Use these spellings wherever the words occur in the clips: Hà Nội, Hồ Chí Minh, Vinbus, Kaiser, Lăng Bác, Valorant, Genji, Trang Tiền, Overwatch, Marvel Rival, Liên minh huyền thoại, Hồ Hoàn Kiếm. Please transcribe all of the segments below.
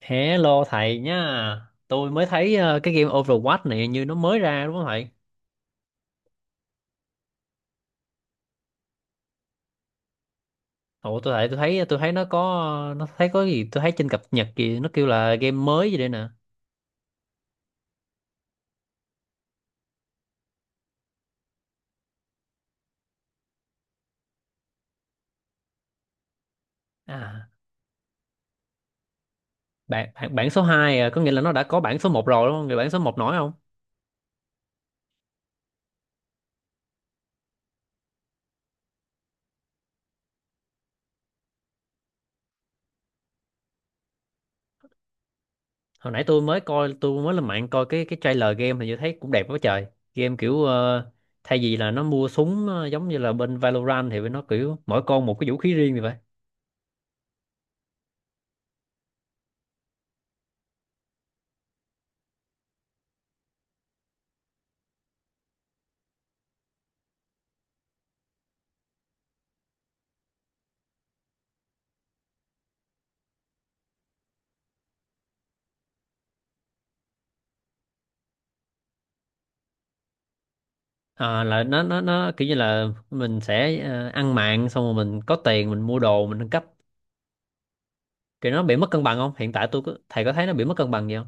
Hello thầy nhá. Tôi mới thấy cái game Overwatch này như nó mới ra đúng không thầy? Ồ tôi thấy nó có nó thấy có gì tôi thấy trên cập nhật kìa, nó kêu là game mới gì đây nè. À bản bản, bản số 2 à, có nghĩa là nó đã có bản số một rồi đúng không? Người bản số một nổi không? Hồi nãy tôi mới coi, tôi mới lên mạng coi cái trailer game thì tôi thấy cũng đẹp quá trời. Game kiểu thay vì là nó mua súng giống như là bên Valorant, thì nó kiểu mỗi con một cái vũ khí riêng vậy. Ờ, là nó kiểu như là mình sẽ ăn mạng xong rồi mình có tiền, mình mua đồ, mình nâng cấp. Kiểu nó bị mất cân bằng không, hiện tại thầy có thấy nó bị mất cân bằng gì không?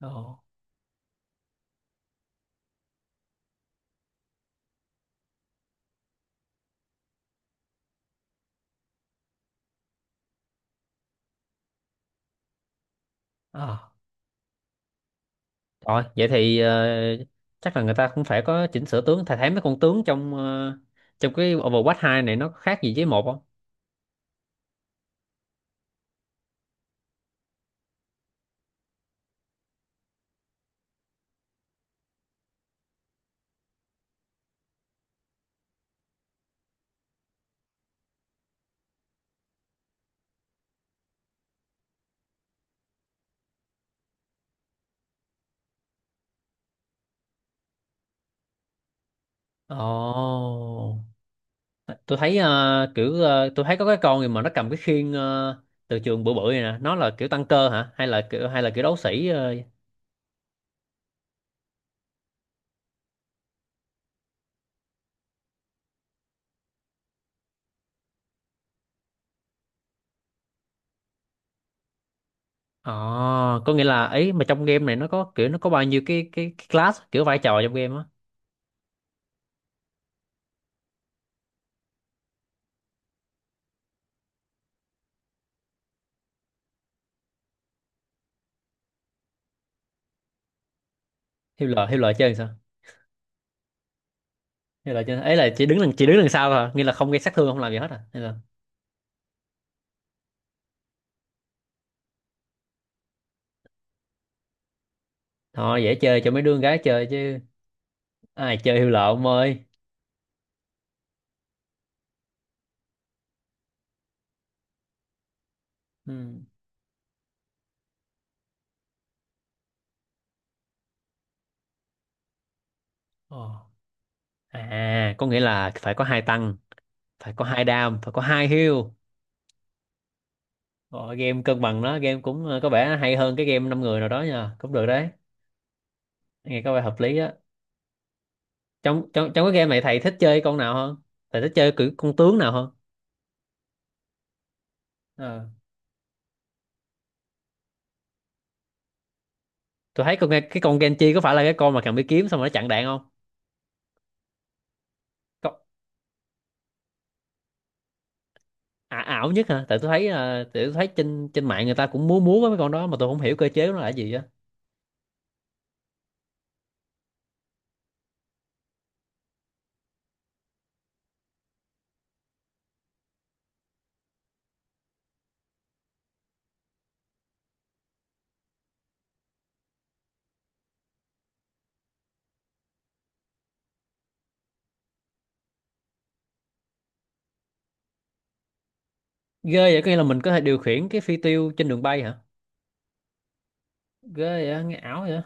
Ồ, à, rồi vậy thì chắc là người ta cũng phải có chỉnh sửa tướng. Thầy thấy mấy con tướng trong trong cái Overwatch hai này nó có khác gì với một không? Ồ, tôi thấy tôi thấy có cái con gì mà nó cầm cái khiên từ trường bự bự này nè, nó là kiểu tăng cơ hả, hay là kiểu, hay là kiểu đấu sĩ Ờ, có nghĩa là ấy mà trong game này nó có kiểu, nó có bao nhiêu cái class, kiểu vai trò trong game á. Hiêu lợi, hiêu lợi chơi làm sao? Hiêu lợi chơi ấy là chỉ đứng đằng, chỉ đứng đằng sau thôi à? Nghĩa là không gây sát thương, không làm gì hết à? Hay là thôi, dễ chơi cho mấy đứa con gái chơi chứ, ai chơi hiêu lợi ông ơi. Ừ. Ờ. À, có nghĩa là phải có hai tăng, phải có hai đam, phải có hai heal. Ờ, game cân bằng đó, game cũng có vẻ hay hơn cái game năm người nào đó nha, cũng được đấy. Nghe có vẻ hợp lý á. Trong trong trong cái game này thầy thích chơi con nào hơn? Thầy thích chơi kiểu con tướng nào hơn? Ờ. Tôi thấy con, nghe cái con Genji có phải là cái con mà cầm cái kiếm xong rồi nó chặn đạn không? Có. Ả- ảo nhất hả? Tại tôi thấy à, tại tôi thấy trên, trên mạng người ta cũng múa múa với mấy con đó mà tôi không hiểu cơ chế của nó là gì á. Ghê vậy, có nghĩa là mình có thể điều khiển cái phi tiêu trên đường bay hả? Ghê vậy á, nghe ảo vậy.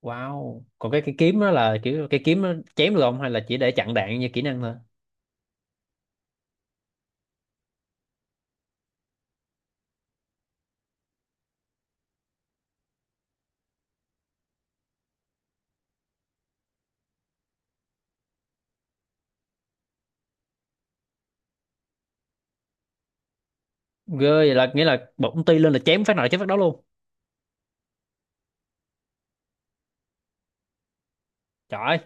Wow, còn cái kiếm đó là kiểu cái kiếm nó chém được không, hay là chỉ để chặn đạn như kỹ năng thôi? Ghê vậy, là nghĩa là bỗng ti lên là chém phát nào chém phát đó luôn. Trời ơi.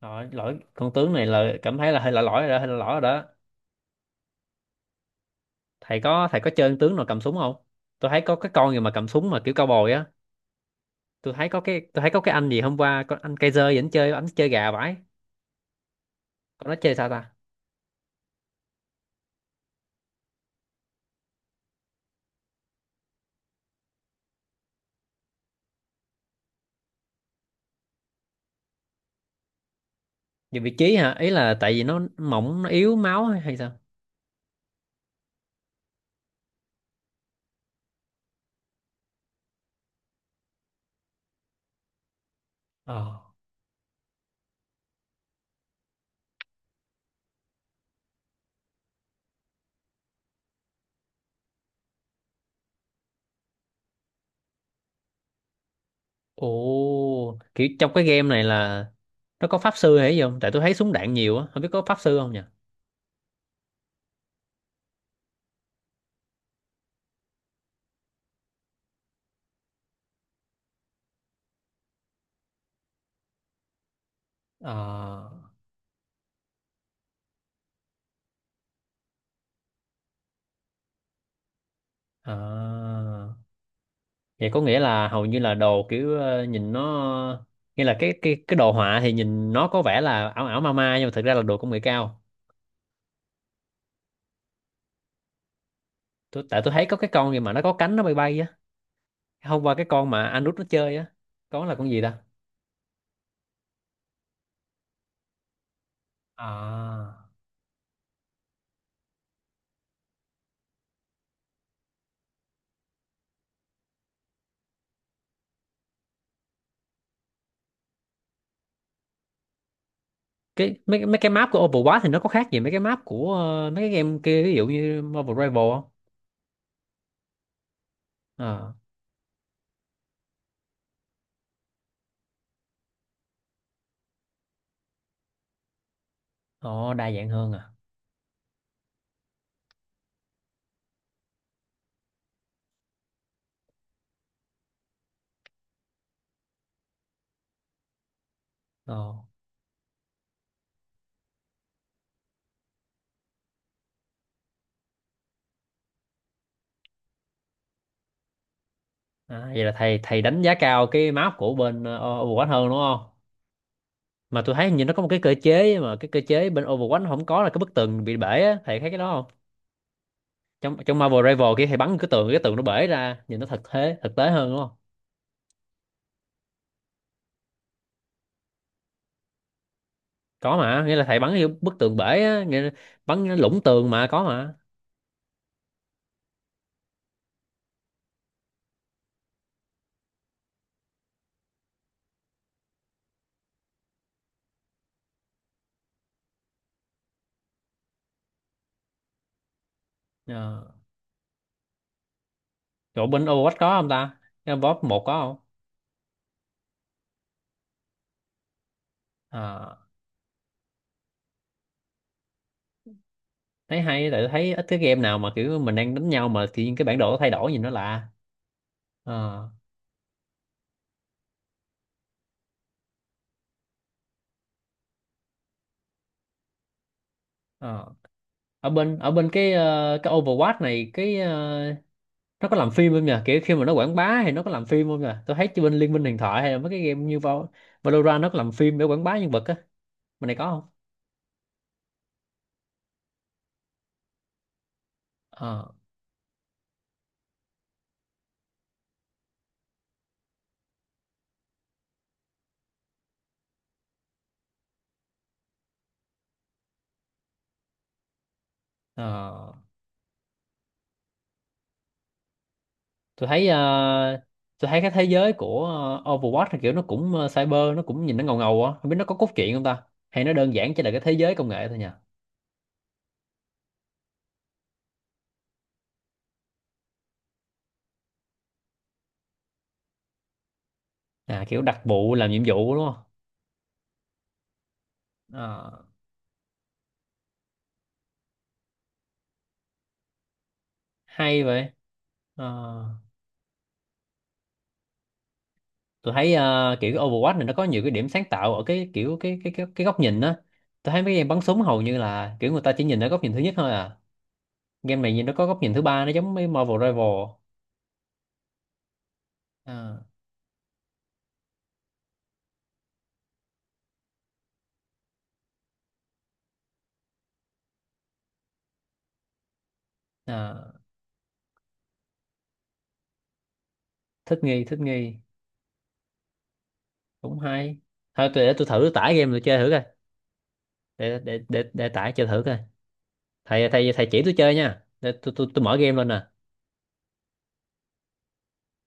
Lỗi lỗi con tướng này, là cảm thấy là hơi lỗi lỗi rồi đó, hơi lỗi lỗi rồi đó. Thầy có, thầy có chơi ăn tướng nào cầm súng không? Tôi thấy có cái con gì mà cầm súng mà kiểu cao bồi á. Tôi thấy có cái, tôi thấy có cái anh gì hôm qua, con anh Kaiser vẫn chơi, anh chơi gà vãi. Con nó chơi sao ta? Dùng vị trí hả? Ý là tại vì nó mỏng, nó yếu máu hay, hay sao? Ờ. Ồ, kiểu trong cái game này là nó có pháp sư hay gì không? Tại tôi thấy súng đạn nhiều á, không biết có pháp sư không nhỉ? Ờ. À. Vậy có nghĩa là hầu như là đồ kiểu nhìn nó, nghĩa là cái đồ họa thì nhìn nó có vẻ là ảo ảo ma ma nhưng mà thực ra là đồ công nghệ cao. Tại tôi thấy có cái con gì mà nó có cánh, nó bay bay á. Hôm qua cái con mà anh út nó chơi á, con là con gì ta? À. Cái mấy mấy cái map của Overwatch thì nó có khác gì mấy cái map của mấy cái game kia, ví dụ như Marvel Rival không? Ờ. Ồ, đa dạng hơn à. Ồ. À, vậy là thầy thầy đánh giá cao cái map của bên Overwatch hơn đúng không? Mà tôi thấy hình như nó có một cái cơ chế mà cái cơ chế bên Overwatch nó không có, là cái bức tường bị bể á, thầy thấy cái đó không? Trong, trong Marvel Rival kia thầy bắn cái tường, cái tường nó bể ra nhìn nó thật, thế thực tế hơn đúng không? Có mà, nghĩa là thầy bắn cái bức tường bể á, nghĩa là bắn cái lũng tường mà có mà. Ờ. Chỗ bên Overwatch có không ta? Cái boss một có không? Ờ. Thấy hay, tại tôi thấy ít cái game nào mà kiểu mình đang đánh nhau mà tự nhiên cái bản đồ nó thay đổi, nhìn nó lạ. Ờ, ờ. Ở bên cái cái Overwatch này cái nó có làm phim không nhỉ, kiểu khi mà nó quảng bá thì nó có làm phim không nhỉ? Tôi thấy chứ, bên Liên minh huyền thoại hay là mấy cái game như Valorant nó có làm phim để quảng bá nhân vật á, bên này có không? Ờ. Ờ, tôi thấy tôi thấy cái thế giới của Overwatch là kiểu nó cũng cyber, nó cũng nhìn nó ngầu ngầu á, không biết nó có cốt truyện không ta, hay nó đơn giản chỉ là cái thế giới công nghệ thôi nhỉ? À, kiểu đặc vụ làm nhiệm vụ đúng không? Ờ. Hay vậy. Ờ, tôi thấy kiểu cái Overwatch này nó có nhiều cái điểm sáng tạo ở cái kiểu cái góc nhìn á. Tôi thấy mấy game bắn súng hầu như là kiểu người ta chỉ nhìn ở góc nhìn thứ nhất thôi à, game này nhìn nó có góc nhìn thứ ba, nó giống mấy Marvel Rival. À, à, thích nghi, thích nghi. Cũng hay. Thôi tôi để tôi thử tải game tôi chơi thử coi, để tải chơi thử coi. Thầy thầy thầy chỉ tôi chơi nha, để tôi mở game lên nè.